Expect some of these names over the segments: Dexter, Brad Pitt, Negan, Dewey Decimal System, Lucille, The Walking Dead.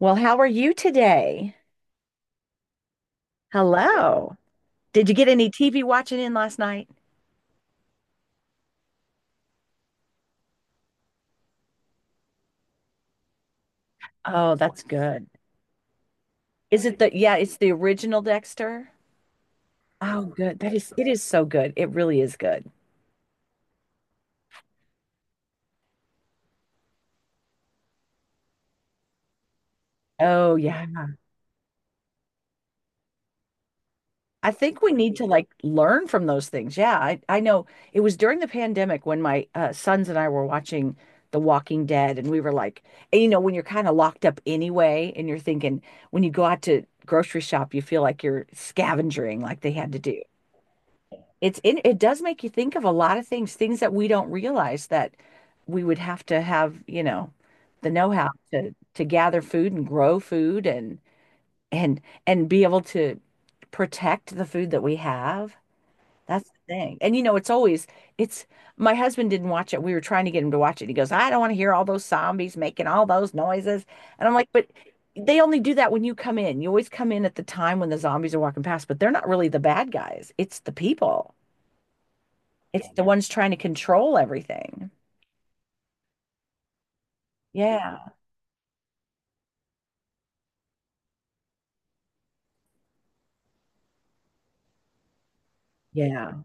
Well, how are you today? Hello. Did you get any TV watching in last night? Oh, that's good. Is it yeah, it's the original Dexter? Oh, good. It is so good. It really is good. Oh, yeah. I think we need to like learn from those things. Yeah, I know it was during the pandemic when my sons and I were watching The Walking Dead, and we were like, you know, when you're kind of locked up anyway, and you're thinking, when you go out to grocery shop, you feel like you're scavenging like they had to do. It does make you think of a lot of things, that we don't realize that we would have to have, you know, the know-how to gather food and grow food and and be able to protect the food that we have. That's the thing. And you know, it's always it's my husband didn't watch it. We were trying to get him to watch it. He goes, "I don't want to hear all those zombies making all those noises." And I'm like, "But they only do that when you come in. You always come in at the time when the zombies are walking past, but they're not really the bad guys. It's the people." It's the ones trying to control everything. Yeah. Yeah.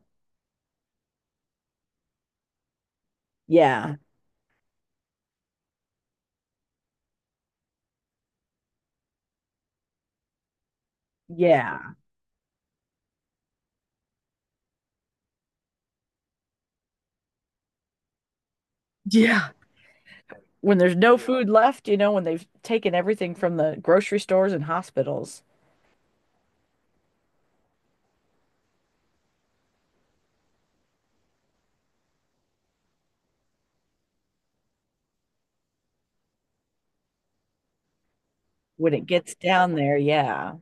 Yeah. Yeah. Yeah. When there's no food left, you know, when they've taken everything from the grocery stores and hospitals, when it gets down there, yeah.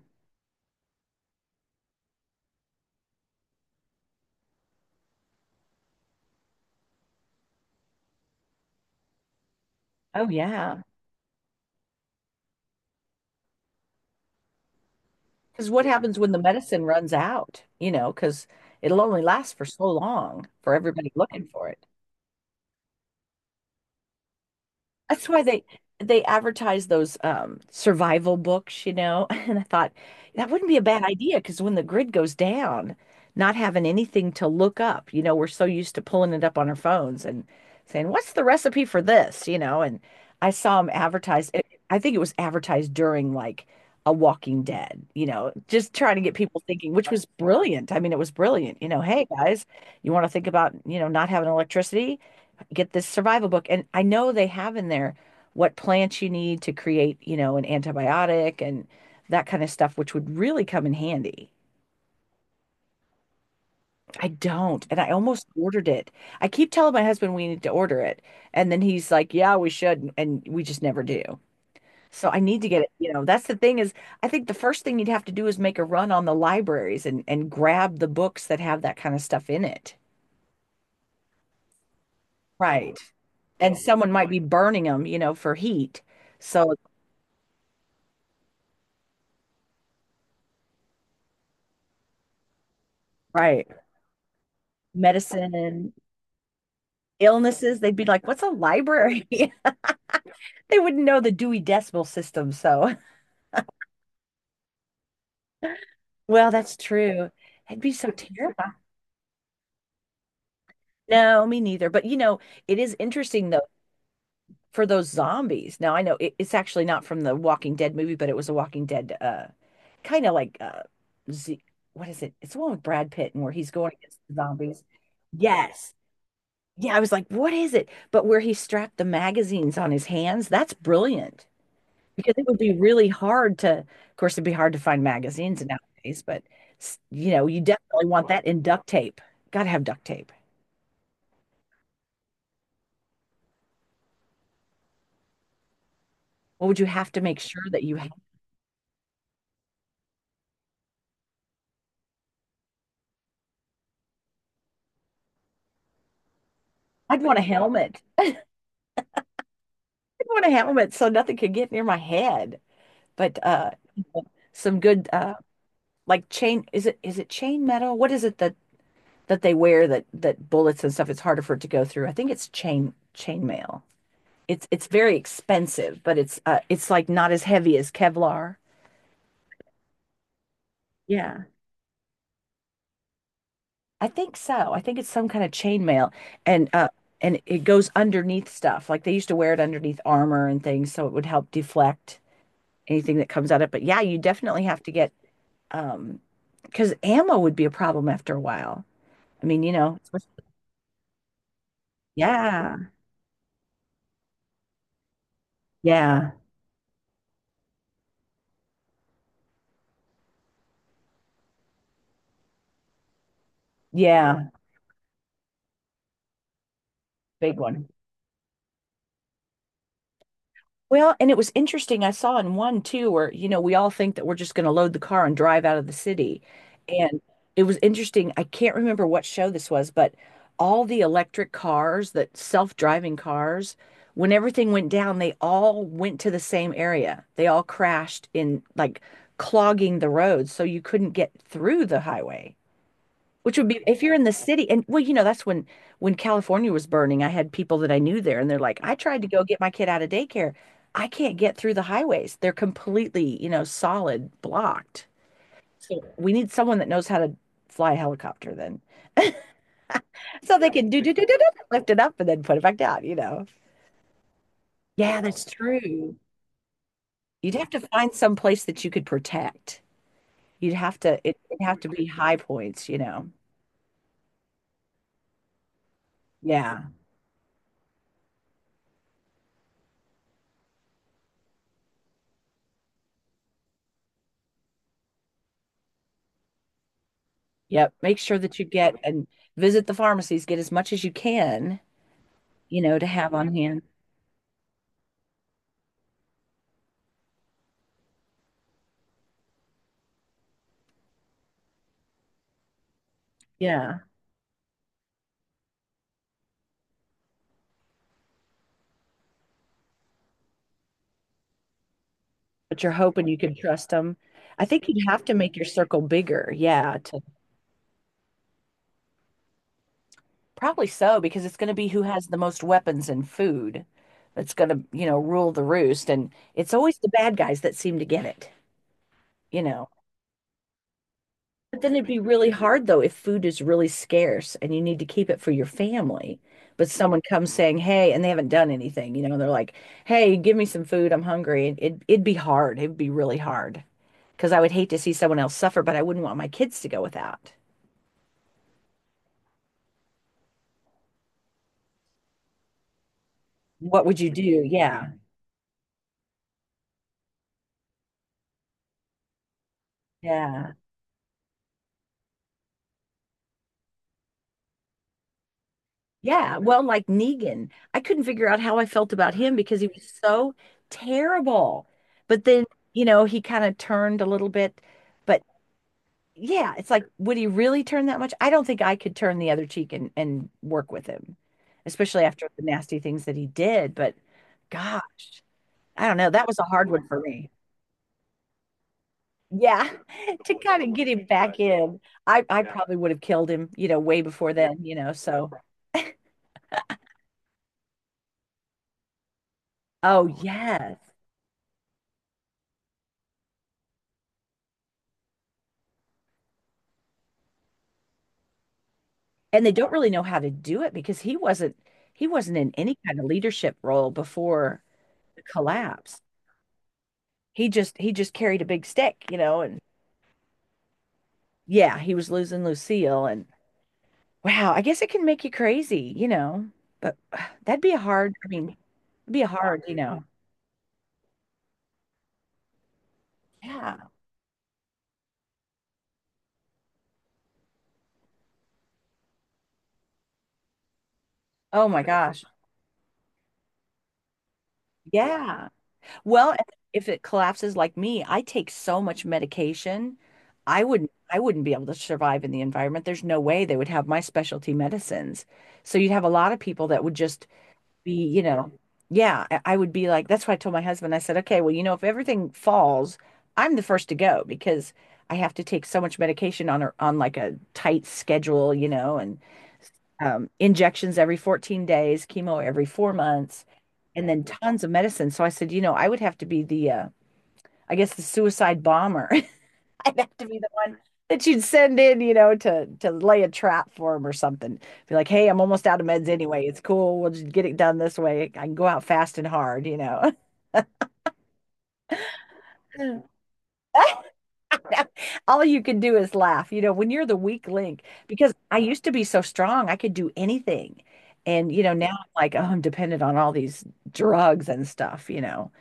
Oh, yeah. Because what happens when the medicine runs out, you know, because it'll only last for so long for everybody looking for it. That's why they advertise those survival books, you know. And I thought that wouldn't be a bad idea because when the grid goes down, not having anything to look up, you know, we're so used to pulling it up on our phones and saying, "What's the recipe for this?" you know, and I saw them advertised. I think it was advertised during like a Walking Dead, you know, just trying to get people thinking, which was brilliant. I mean, it was brilliant. You know, hey guys, you want to think about, you know, not having electricity? Get this survival book. And I know they have in there what plants you need to create, you know, an antibiotic and that kind of stuff, which would really come in handy. I don't. And I almost ordered it. I keep telling my husband we need to order it. And then he's like, yeah, we should. And we just never do. So I need to get it. You know, that's the thing is, I think the first thing you'd have to do is make a run on the libraries and grab the books that have that kind of stuff in it. Right. And someone might be burning them, you know, for heat. So, right. Medicine, illnesses, they'd be like, what's a library? They wouldn't know the Dewey Decimal System. So, well, that's true. I'd be so terrified. No, me neither. But you know, it is interesting though for those zombies. Now, I know it's actually not from the Walking Dead movie, but it was a Walking Dead kind of like Z, what is it? It's the one with Brad Pitt and where he's going against the zombies. Yes. Yeah, I was like, what is it? But where he strapped the magazines on his hands, that's brilliant. Because it would be really hard to, of course, it'd be hard to find magazines nowadays, but you know, you definitely want that in duct tape. Got to have duct tape. What would you have to make sure that you had? I'd want a helmet. I'd want a helmet so nothing could get near my head. But some good like chain, is it chain metal? What is it that they wear that bullets and stuff it's harder for it to go through? I think it's chain mail. It's very expensive, but it's like not as heavy as Kevlar. Yeah. I think so. I think it's some kind of chainmail, and uh, and it goes underneath stuff. Like they used to wear it underneath armor and things, so it would help deflect anything that comes at it. But yeah, you definitely have to get um, because ammo would be a problem after a while. I mean, you know, yeah, yeah, yeah, big one. Well, and it was interesting. I saw in one too, where, you know, we all think that we're just going to load the car and drive out of the city. And it was interesting. I can't remember what show this was, but all the electric cars, that self-driving cars, when everything went down, they all went to the same area. They all crashed in like clogging the roads, so you couldn't get through the highway. Which would be if you're in the city, and well, you know, that's when California was burning, I had people that I knew there, and they're like, I tried to go get my kid out of daycare. I can't get through the highways. They're completely, you know, solid blocked. We need someone that knows how to fly a helicopter then. So they can do do do do do lift it up and then put it back down, you know. Yeah, that's true. You'd have to find some place that you could protect. You'd have to it'd have to be high points, you know. Yeah. Yep. Make sure that you get and visit the pharmacies, get as much as you can, you know, to have on hand. Yeah. But you're hoping you can trust them. I think you'd have to make your circle bigger. Yeah. To, probably so, because it's going to be who has the most weapons and food that's going to, you know, rule the roost. And it's always the bad guys that seem to get it, you know. But then it'd be really hard though if food is really scarce and you need to keep it for your family. But someone comes saying, "Hey," and they haven't done anything, you know, they're like, "Hey, give me some food. I'm hungry." And it it'd be hard. It'd be really hard because I would hate to see someone else suffer, but I wouldn't want my kids to go without. What would you do? Yeah. Yeah. Yeah. Well, like Negan, I couldn't figure out how I felt about him because he was so terrible. But then, you know, he kind of turned a little bit, but yeah, it's like, would he really turn that much? I don't think I could turn the other cheek and work with him, especially after the nasty things that he did. But gosh, I don't know. That was a hard one for me. Yeah, to kind of get him back in. I probably would have killed him, you know, way before then, you know. So, oh yes. And they don't really know how to do it because he wasn't in any kind of leadership role before the collapse. He just carried a big stick, you know, and yeah, he was losing Lucille and. Wow, I guess it can make you crazy, you know, but that'd be a hard, I mean, it'd be a hard, you know. Yeah. Oh my gosh. Yeah. Well, if it collapses like me, I take so much medication. I wouldn't be able to survive in the environment. There's no way they would have my specialty medicines. So you'd have a lot of people that would just be, you know, yeah, I would be like, that's why I told my husband, I said, okay, well, you know, if everything falls, I'm the first to go because I have to take so much medication on a, on like a tight schedule, you know, and injections every 14 days, chemo every 4 months, and then tons of medicine. So I said, you know, I would have to be the, I guess the suicide bomber. I'd have to be the one that you'd send in, you know, to lay a trap for him or something. Be like, hey, I'm almost out of meds anyway. It's cool. We'll just get it done this way. I can go out fast and hard, you know. All you can do is laugh, you know, when you're the weak link, because I used to be so strong, I could do anything. And, you know, now I'm like, oh, I'm dependent on all these drugs and stuff, you know.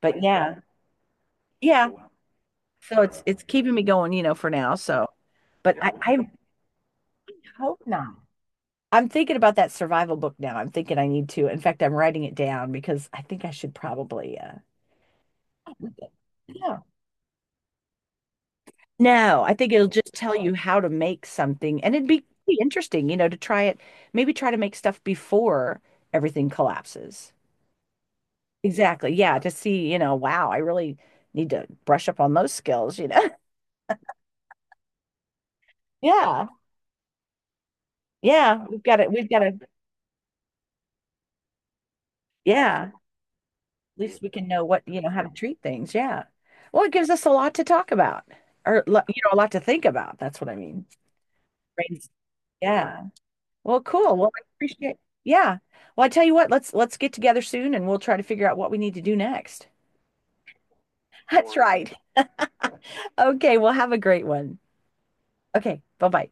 But yeah, yeah. So it's keeping me going, you know, for now. So, but I hope not. I'm thinking about that survival book now. I'm thinking I need to. In fact, I'm writing it down because I think I should probably read it. Yeah. No, I think it'll just tell you how to make something and it'd be pretty interesting, you know, to try it, maybe try to make stuff before everything collapses. Exactly. Yeah, to see, you know, wow, I really need to brush up on those skills, you know. Yeah. Yeah, we've got it. We've got to, yeah, least we can know what, you know, how to treat things. Yeah. Well, it gives us a lot to talk about or, you know, a lot to think about. That's what I mean. Brains- Yeah. Well, cool. Well, I appreciate. Yeah. Well, I tell you what, let's get together soon and we'll try to figure out what we need to do next. That's right. Okay, well, have a great one. Okay, bye-bye.